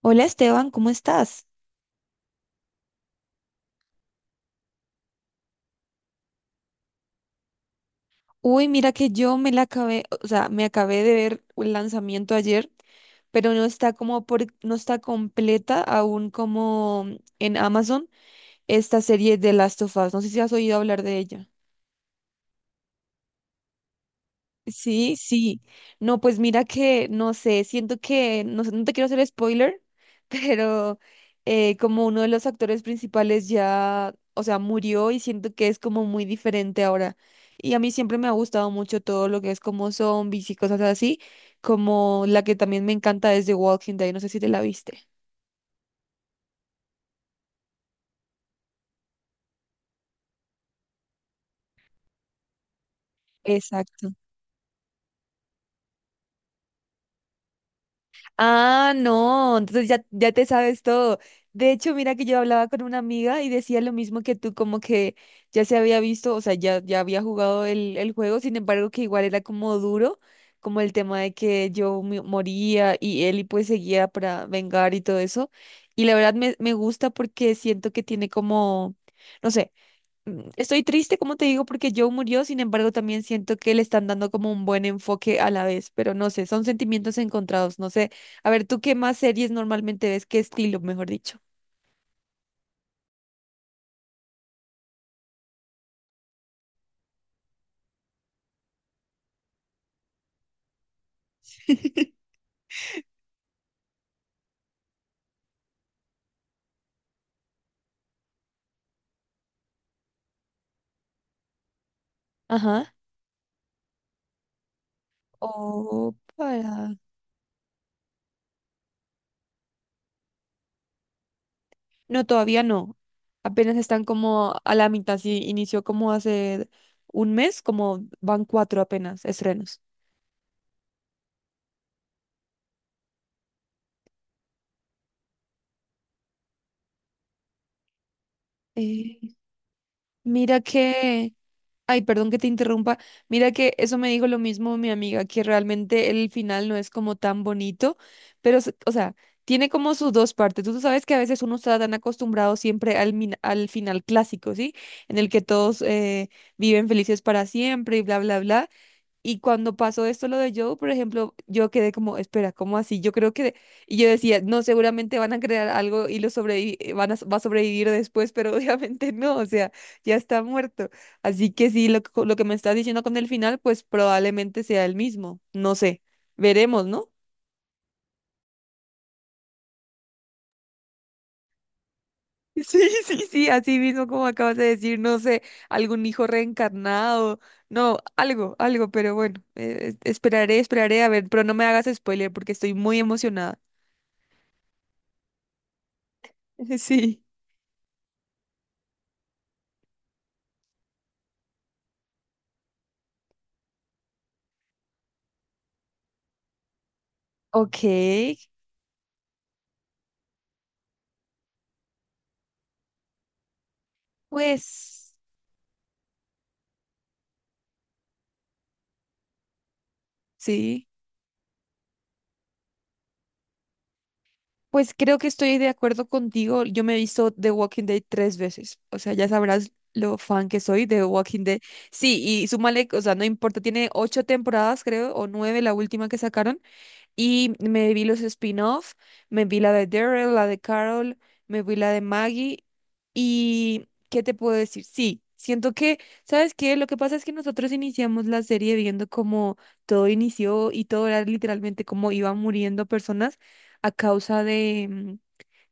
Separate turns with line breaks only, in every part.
Hola Esteban, ¿cómo estás? Uy, mira que yo me la acabé, o sea, me acabé de ver el lanzamiento ayer, pero no está como por, no está completa aún como en Amazon esta serie de Last of Us. No sé si has oído hablar de ella. Sí, sí. No, pues mira que, no sé, siento que, no sé, no te quiero hacer spoiler, pero como uno de los actores principales ya, o sea, murió y siento que es como muy diferente ahora. Y a mí siempre me ha gustado mucho todo lo que es como zombies y cosas así, como la que también me encanta es The Walking Dead, no sé si te la viste. Exacto. Ah, no, entonces ya te sabes todo. De hecho, mira que yo hablaba con una amiga y decía lo mismo que tú, como que ya se había visto, o sea, ya había jugado el juego, sin embargo, que igual era como duro, como el tema de que yo moría y él y pues seguía para vengar y todo eso. Y la verdad me gusta porque siento que tiene como, no sé. Estoy triste, como te digo, porque Joe murió, sin embargo, también siento que le están dando como un buen enfoque a la vez, pero no sé, son sentimientos encontrados, no sé. A ver, ¿tú qué más series normalmente ves? ¿Qué estilo, mejor dicho? Ajá. O para... No, todavía no. Apenas están como a la mitad, sí, inició como hace un mes, como van cuatro apenas estrenos. Eh, mira que... Ay, perdón que te interrumpa. Mira que eso me dijo lo mismo mi amiga, que realmente el final no es como tan bonito, pero, o sea, tiene como sus dos partes. Tú sabes que a veces uno está tan acostumbrado siempre al final clásico, ¿sí? En el que todos viven felices para siempre y bla, bla, bla. Y cuando pasó esto, lo de Joe, por ejemplo, yo quedé como, espera, ¿cómo así? Yo creo que, y yo decía, no, seguramente van a crear algo y lo sobrevi va a sobrevivir después, pero obviamente no, o sea, ya está muerto. Así que sí, lo que me estás diciendo con el final, pues probablemente sea el mismo, no sé, veremos, ¿no? Sí, sí, sí, así mismo como acabas de decir, no sé, algún hijo reencarnado, no, algo, algo, pero bueno, esperaré, esperaré, a ver, pero no me hagas spoiler porque estoy muy emocionada. Sí. Ok, pues sí, pues creo que estoy de acuerdo contigo. Yo me he visto The Walking Dead tres veces, o sea, ya sabrás lo fan que soy de Walking Dead. Sí, y súmale, o sea, no importa, tiene ocho temporadas, creo, o nueve la última que sacaron. Y me vi los spin-off, me vi la de Daryl, la de Carol, me vi la de Maggie. ¿Y qué te puedo decir? Sí, siento que, ¿sabes qué? Lo que pasa es que nosotros iniciamos la serie viendo cómo todo inició y todo era literalmente cómo iban muriendo personas a causa de,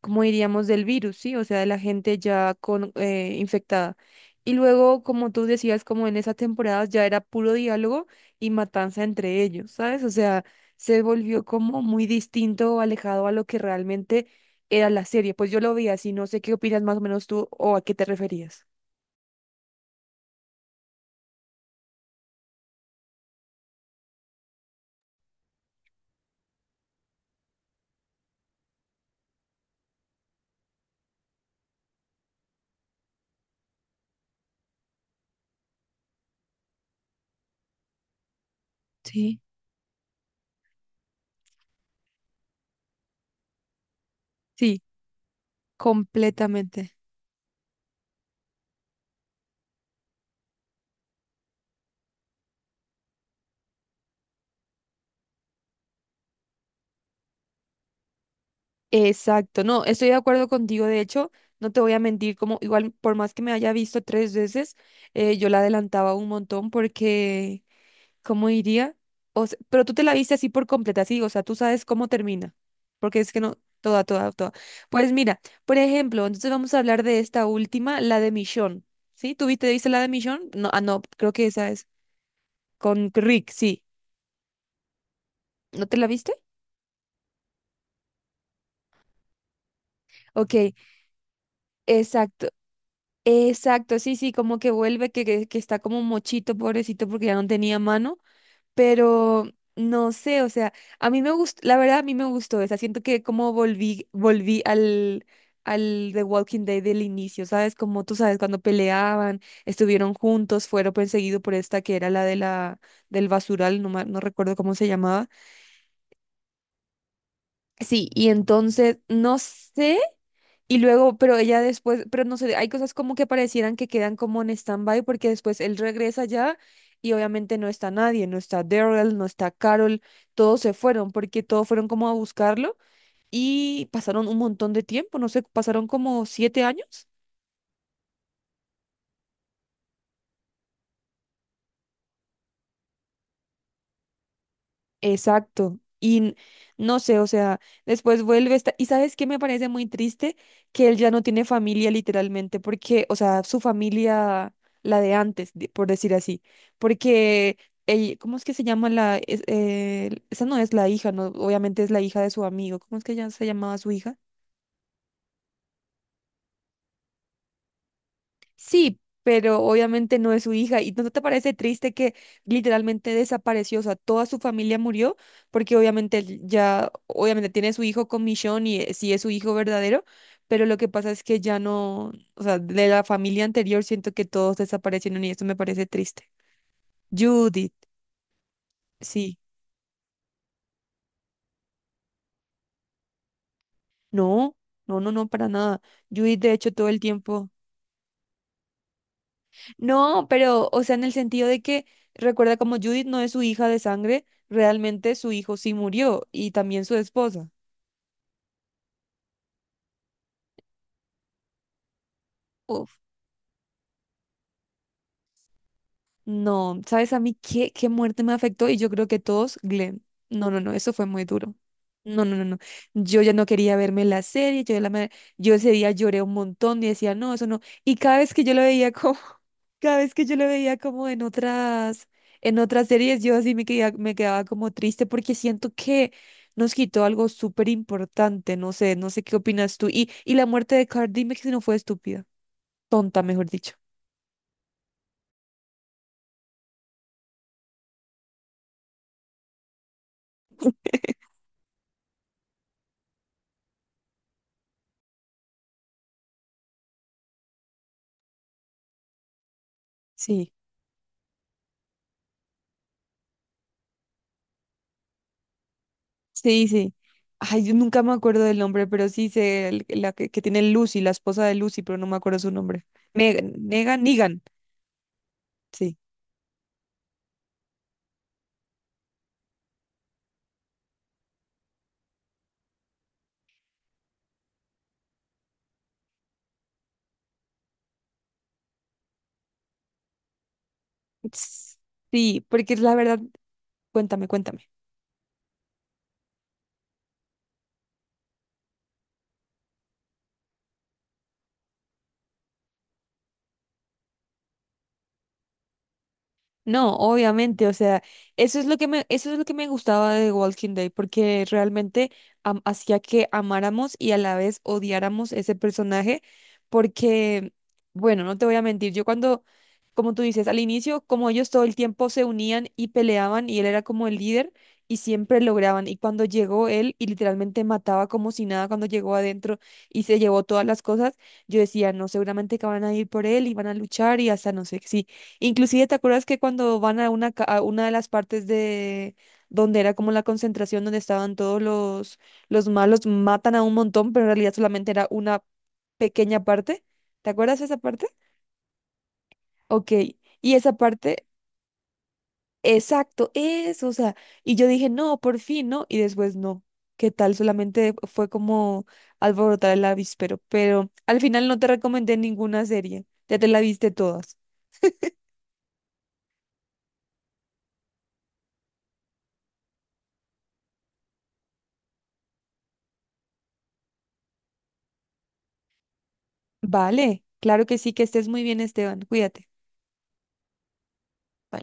como diríamos, del virus, ¿sí? O sea, de la gente ya con, infectada. Y luego, como tú decías, como en esas temporadas ya era puro diálogo y matanza entre ellos, ¿sabes? O sea, se volvió como muy distinto, alejado a lo que realmente era la serie. Pues yo lo veía así, no sé qué opinas más o menos tú o a qué te referías. Sí, sí, completamente. Exacto, no, estoy de acuerdo contigo, de hecho, no te voy a mentir, como igual por más que me haya visto tres veces, yo la adelantaba un montón porque, ¿cómo diría? Pero tú te la viste así por completa, sí, o sea, tú sabes cómo termina, porque es que no, toda, toda, toda. Pues mira, por ejemplo, entonces vamos a hablar de esta última, la de Michonne, ¿sí? ¿Tú viste, viste la de Michonne? No, ah, no, creo que esa es, con Rick, sí, ¿no te la viste? Ok, exacto. Exacto, sí, sí, como que vuelve, que está como mochito, pobrecito, porque ya no tenía mano, pero no sé, o sea, a mí me gustó, la verdad a mí me gustó esa, siento que como volví, volví al The Walking Dead del inicio, ¿sabes? Como tú sabes, cuando peleaban, estuvieron juntos, fueron perseguidos por esta que era la de la, del basural, no, no recuerdo cómo se llamaba. Sí, y entonces, no sé. Y luego, pero ella después, pero no sé, hay cosas como que parecieran que quedan como en stand-by porque después él regresa ya y obviamente no está nadie, no está Daryl, no está Carol, todos se fueron porque todos fueron como a buscarlo y pasaron un montón de tiempo, no sé, pasaron como 7 años. Exacto. No sé, o sea, después vuelve esta... Y sabes qué me parece muy triste que él ya no tiene familia literalmente, porque, o sea, su familia, la de antes, por decir así, porque ella, ¿cómo es que se llama la... esa no es la hija, no, obviamente es la hija de su amigo. ¿Cómo es que ya se llamaba su hija? Sí, pero obviamente no es su hija. ¿Y no te parece triste que literalmente desapareció? O sea, toda su familia murió porque obviamente él ya, obviamente tiene su hijo con Michonne y sí es su hijo verdadero, pero lo que pasa es que ya no, o sea, de la familia anterior siento que todos desaparecieron y esto me parece triste. Judith, sí, no, no, no, no, para nada. Judith, de hecho, todo el tiempo. No, pero, o sea, en el sentido de que, recuerda, como Judith no es su hija de sangre, realmente su hijo sí murió y también su esposa. No, ¿sabes a mí qué, muerte me afectó? Y yo creo que todos, Glenn. No, no, no, eso fue muy duro. No, no, no, no. Yo ya no quería verme la serie, yo, ya la, me- yo ese día lloré un montón y decía, no, eso no. Y cada vez que yo lo veía como, cada vez que yo lo veía como en otras series, yo así me quedaba como triste porque siento que nos quitó algo súper importante, no sé, no sé qué opinas tú. Y la muerte de Cardi me que no fue estúpida, tonta, mejor dicho. Sí, sí. Ay, yo nunca me acuerdo del nombre, pero sí sé la que tiene Lucy, la esposa de Lucy, pero no me acuerdo su nombre. Negan, Negan, Negan. Sí. Ts- Sí, porque la verdad, cuéntame, cuéntame. No, obviamente, o sea, eso es lo que me gustaba de Walking Dead, porque realmente hacía que amáramos y a la vez odiáramos ese personaje, porque, bueno, no te voy a mentir, yo cuando, como tú dices, al inicio, como ellos todo el tiempo se unían y peleaban y él era como el líder y siempre lograban, y cuando llegó él y literalmente mataba como si nada cuando llegó adentro y se llevó todas las cosas, yo decía, no, seguramente que van a ir por él y van a luchar y hasta no sé si. Inclusive, ¿te acuerdas que cuando van a una de las partes de donde era como la concentración, donde estaban todos los malos, matan a un montón, pero en realidad solamente era una pequeña parte? ¿Te acuerdas de esa parte? Ok, y esa parte, exacto, eso, o sea, y yo dije, no, por fin, ¿no? Y después, no, ¿qué tal? Solamente fue como alborotar el avispero, pero al final no te recomendé ninguna serie, ya te la viste todas. Vale, claro que sí, que estés muy bien, Esteban, cuídate. Bye.